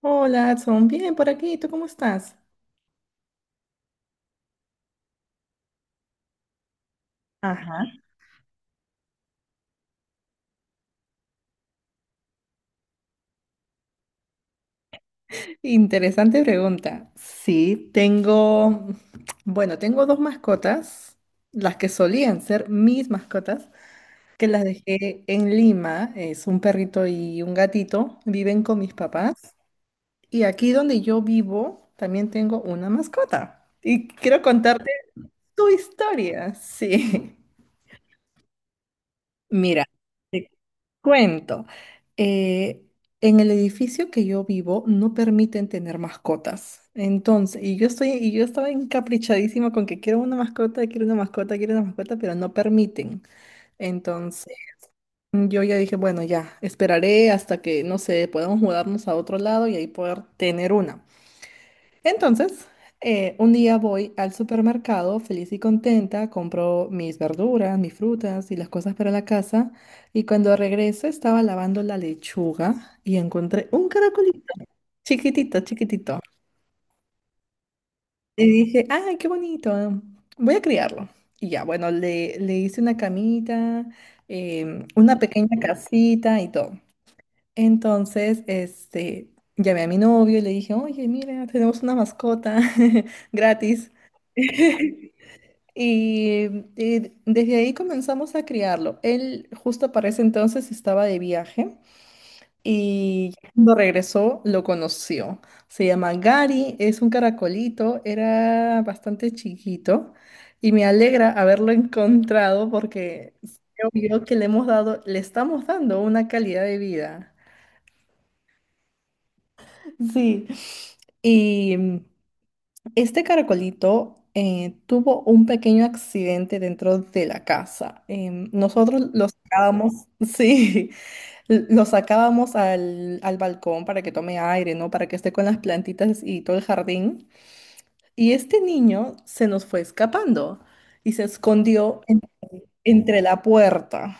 Hola, Adson. Bien, por aquí. ¿Tú cómo estás? Ajá. Interesante pregunta. Sí, tengo, bueno, tengo dos mascotas, las que solían ser mis mascotas, que las dejé en Lima. Es un perrito y un gatito. Viven con mis papás. Y aquí donde yo vivo, también tengo una mascota. Y quiero contarte tu historia. Sí. Mira. Cuento, eh, en el edificio que yo vivo no permiten tener mascotas. Entonces, y yo estaba encaprichadísima con que quiero una mascota, quiero una mascota, quiero una mascota, pero no permiten. Entonces, yo ya dije, bueno, ya, esperaré hasta que, no sé, podamos mudarnos a otro lado y ahí poder tener una. Entonces, un día voy al supermercado feliz y contenta, compro mis verduras, mis frutas y las cosas para la casa. Y cuando regreso estaba lavando la lechuga y encontré un caracolito, chiquitito, chiquitito. Y dije, ¡ay, qué bonito! Voy a criarlo. Y ya, bueno, le hice una camita, una pequeña casita y todo. Entonces, este, llamé a mi novio y le dije, oye, mira, tenemos una mascota gratis. Y, y desde ahí comenzamos a criarlo. Él justo para ese entonces estaba de viaje y cuando regresó lo conoció. Se llama Gary, es un caracolito, era bastante chiquito y me alegra haberlo encontrado porque creo yo que le estamos dando una calidad de vida. Sí. Y este caracolito tuvo un pequeño accidente dentro de la casa. Nosotros lo sacábamos, sí, lo sacábamos al balcón para que tome aire, ¿no? Para que esté con las plantitas y todo el jardín. Y este niño se nos fue escapando y se escondió entre la puerta.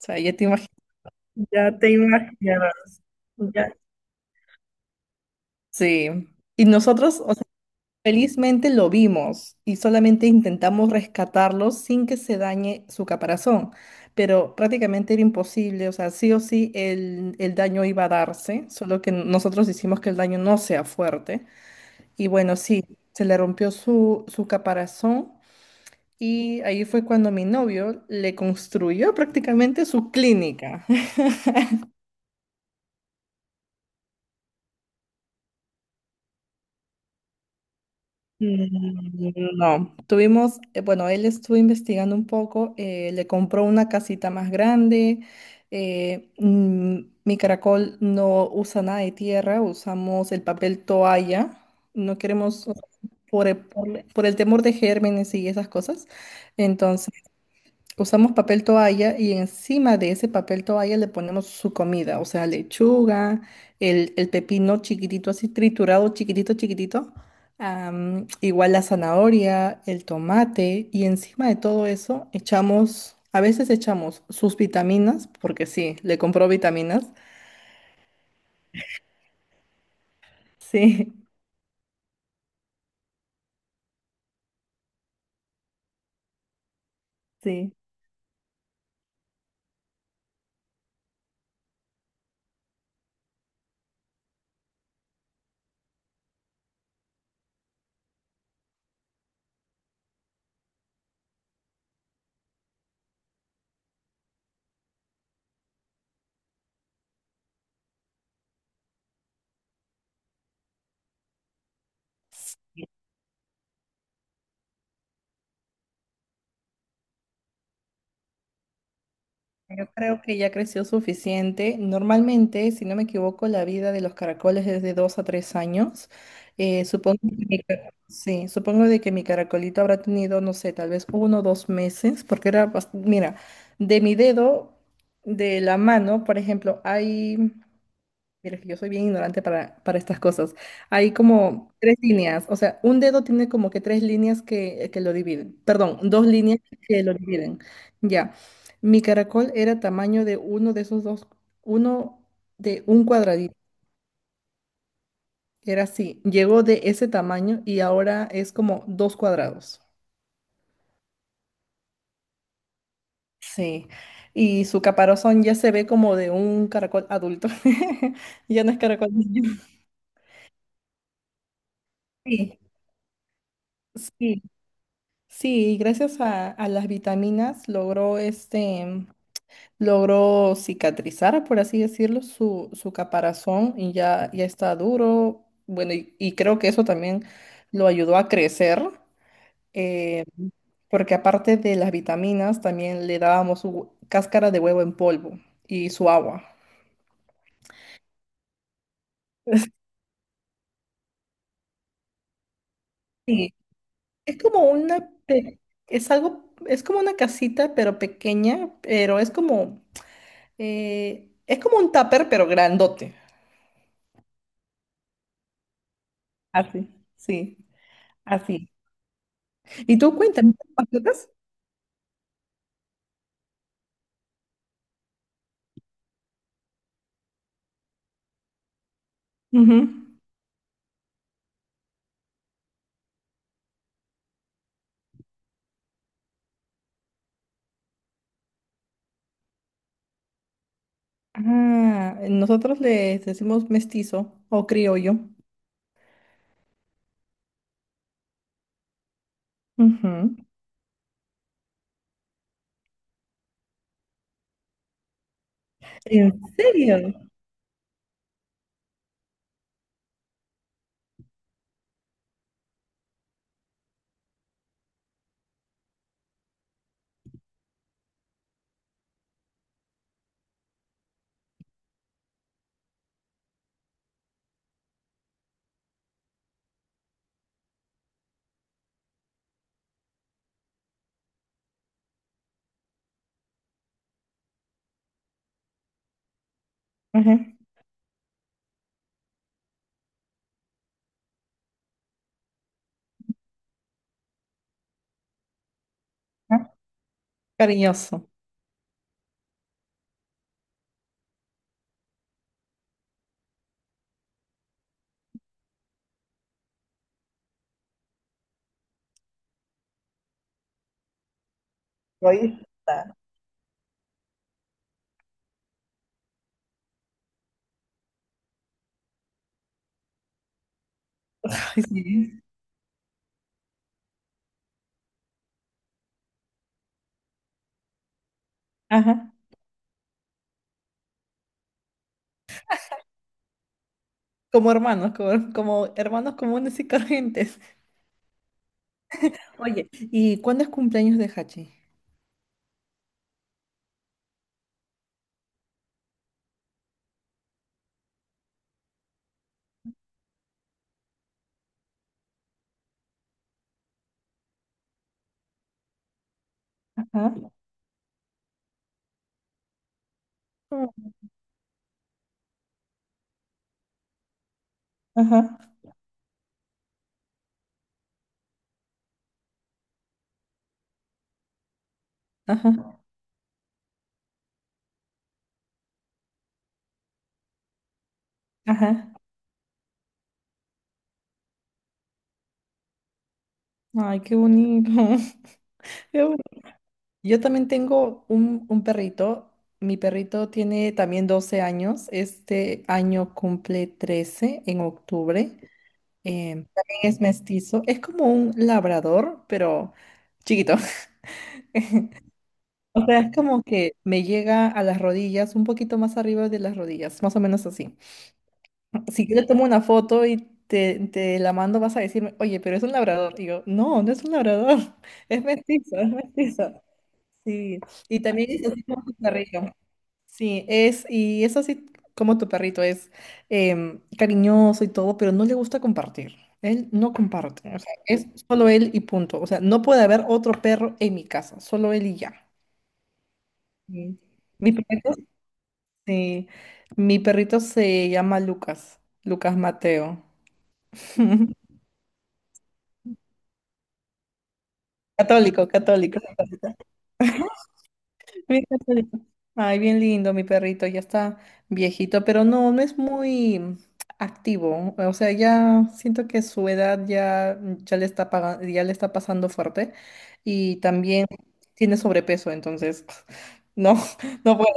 O sea, ya te imaginarás. Ya. Sí. Y nosotros, Felizmente lo vimos y solamente intentamos rescatarlo sin que se dañe su caparazón, pero prácticamente era imposible, o sea, sí o sí el daño iba a darse, solo que nosotros hicimos que el daño no sea fuerte. Y bueno, sí, se le rompió su caparazón y ahí fue cuando mi novio le construyó prácticamente su clínica. Mm, No, tuvimos, bueno, él estuvo investigando un poco, le compró una casita más grande. eh, mm, Mi caracol no usa nada de tierra, usamos el papel toalla. No queremos, o sea, por el temor de gérmenes y esas cosas. Entonces, usamos papel toalla y encima de ese papel toalla le ponemos su comida, o sea, lechuga, el pepino chiquitito, así triturado, chiquitito, chiquitito, igual la zanahoria, el tomate y encima de todo eso echamos, a veces echamos sus vitaminas, porque sí, le compró vitaminas, sí, sí. Yo creo que ya creció suficiente. Normalmente, si no me equivoco, la vida de los caracoles es de 2 a 3 años. Supongo que sí, supongo de que mi caracolito habrá tenido, no sé, tal vez 1 o 2 meses, porque mira, de mi dedo, de la mano, por ejemplo, hay. Mira, que yo soy bien ignorante para estas cosas. Hay como 3 líneas, o sea, un dedo tiene como que 3 líneas que lo dividen. Perdón, 2 líneas que lo dividen. Ya. Mi caracol era tamaño de uno de esos dos, uno de un cuadradito. Era así. Llegó de ese tamaño y ahora es como 2 cuadrados. Sí. Y su caparazón ya se ve como de un caracol adulto. Ya no es caracol niño. Sí, sí. Sí, gracias a las vitaminas logró cicatrizar, por así decirlo, su caparazón y ya está duro. Bueno, y creo que eso también lo ayudó a crecer, eh, porque aparte de las vitaminas, también le dábamos cáscara de huevo en polvo y su agua. Sí, es como una, pe- es algo, es como una casita, pero pequeña, pero es como un tupper, pero grandote. Así, sí, así. Y tú cuéntame, ¿tienes mascotas? Ujú. Ah, nosotros les decimos mestizo o criollo. Ujú. ¿En serio? Ujú. Ah, cariñoso. Egoísta. Ay, sí. Ajá. Como hermanos, como hermanos comunes y corrientes. Oye, ¿y cuándo es cumpleaños de Hachi? Ajá. Oh, ajá. Ajá. Ajá. Ay, qué bonito. Qué Yo también tengo un perrito. Mi perrito tiene también 12 años. Este año cumple 13 en octubre. También es mestizo. Es como un labrador, pero chiquito. O sea, es como que me llega a las rodillas, un poquito más arriba de las rodillas, más o menos así. Si yo le tomo una foto y te la mando, vas a decirme, oye, pero es un labrador. Y yo, no, no es un labrador, es mestizo, es mestizo. Sí, y también es así como su carrillo. Sí, y es así como tu perrito es cariñoso y todo, pero no le gusta compartir. Él no comparte, o sea, es solo él y punto. O sea, no puede haber otro perro en mi casa, solo él y ya. Sí. Mi perrito, sí, mi perrito se llama Lucas, Lucas Mateo. Católico, católico. Bien cachorrito. Ay, bien lindo, mi perrito, ya está viejito, pero no, no es muy activo. O sea, ya siento que su edad ya, ya le está pasando fuerte y también tiene sobrepeso, entonces no, no puede,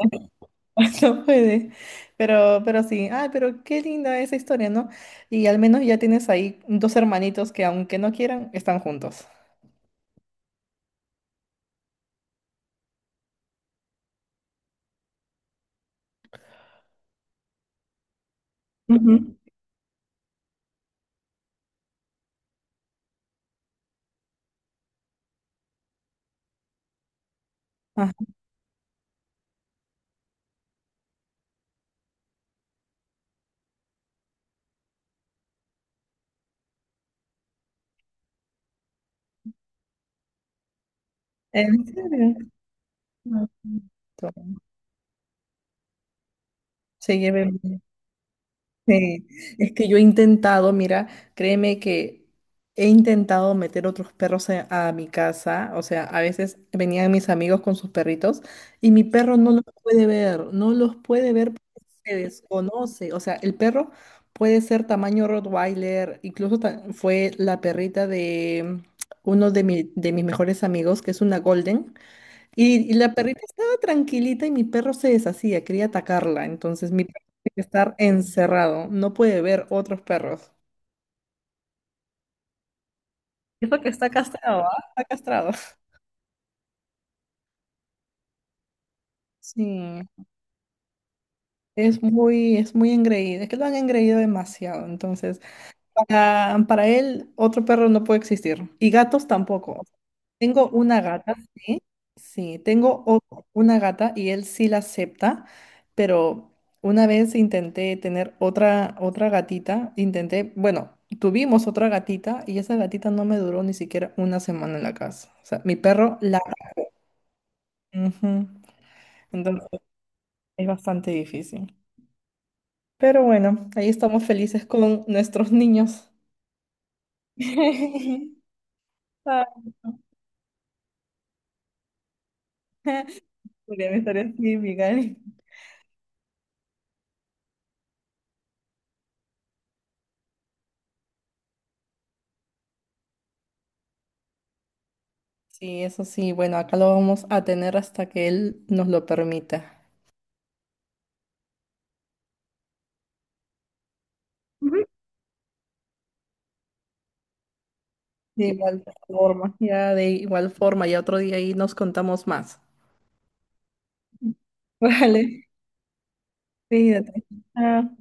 no puede. Pero sí, ay, pero qué linda esa historia, ¿no? Y al menos ya tienes ahí dos hermanitos que aunque no quieran, están juntos. Ujú. Ajá. ¿En serio? Ah, bonito. Se lleven. Sí, es que yo he intentado, mira, créeme que he intentado meter otros perros a mi casa, o sea, a veces venían mis amigos con sus perritos y mi perro no los puede ver, no los puede ver porque se desconoce, o sea, el perro puede ser tamaño Rottweiler, incluso fue la perrita de uno de mis mejores amigos, que es una Golden. Y la perrita estaba tranquilita y mi perro se deshacía, quería atacarla. Entonces mi perro tiene que estar encerrado, no puede ver otros perros. Eso que está castrado, ¿ah? Está castrado. Sí, es muy engreído. Es que lo han engreído demasiado, entonces. Para él, otro perro no puede existir. Y gatos tampoco. Tengo una gata, sí. Sí, tengo una gata y él sí la acepta, pero una vez intenté tener otra gatita, bueno, tuvimos otra gatita y esa gatita no me duró ni siquiera una semana en la casa. O sea, mi perro la... Ujú. Entonces es bastante difícil. Pero bueno, ahí estamos felices con nuestros niños. Ay. Podrían estar así, Miguel. Sí, eso sí. Bueno, acá lo vamos a tener hasta que él nos lo permita. Ujú. De igual forma, ya de igual forma, ya otro día ahí nos contamos más. Vale, cuídate. Chao.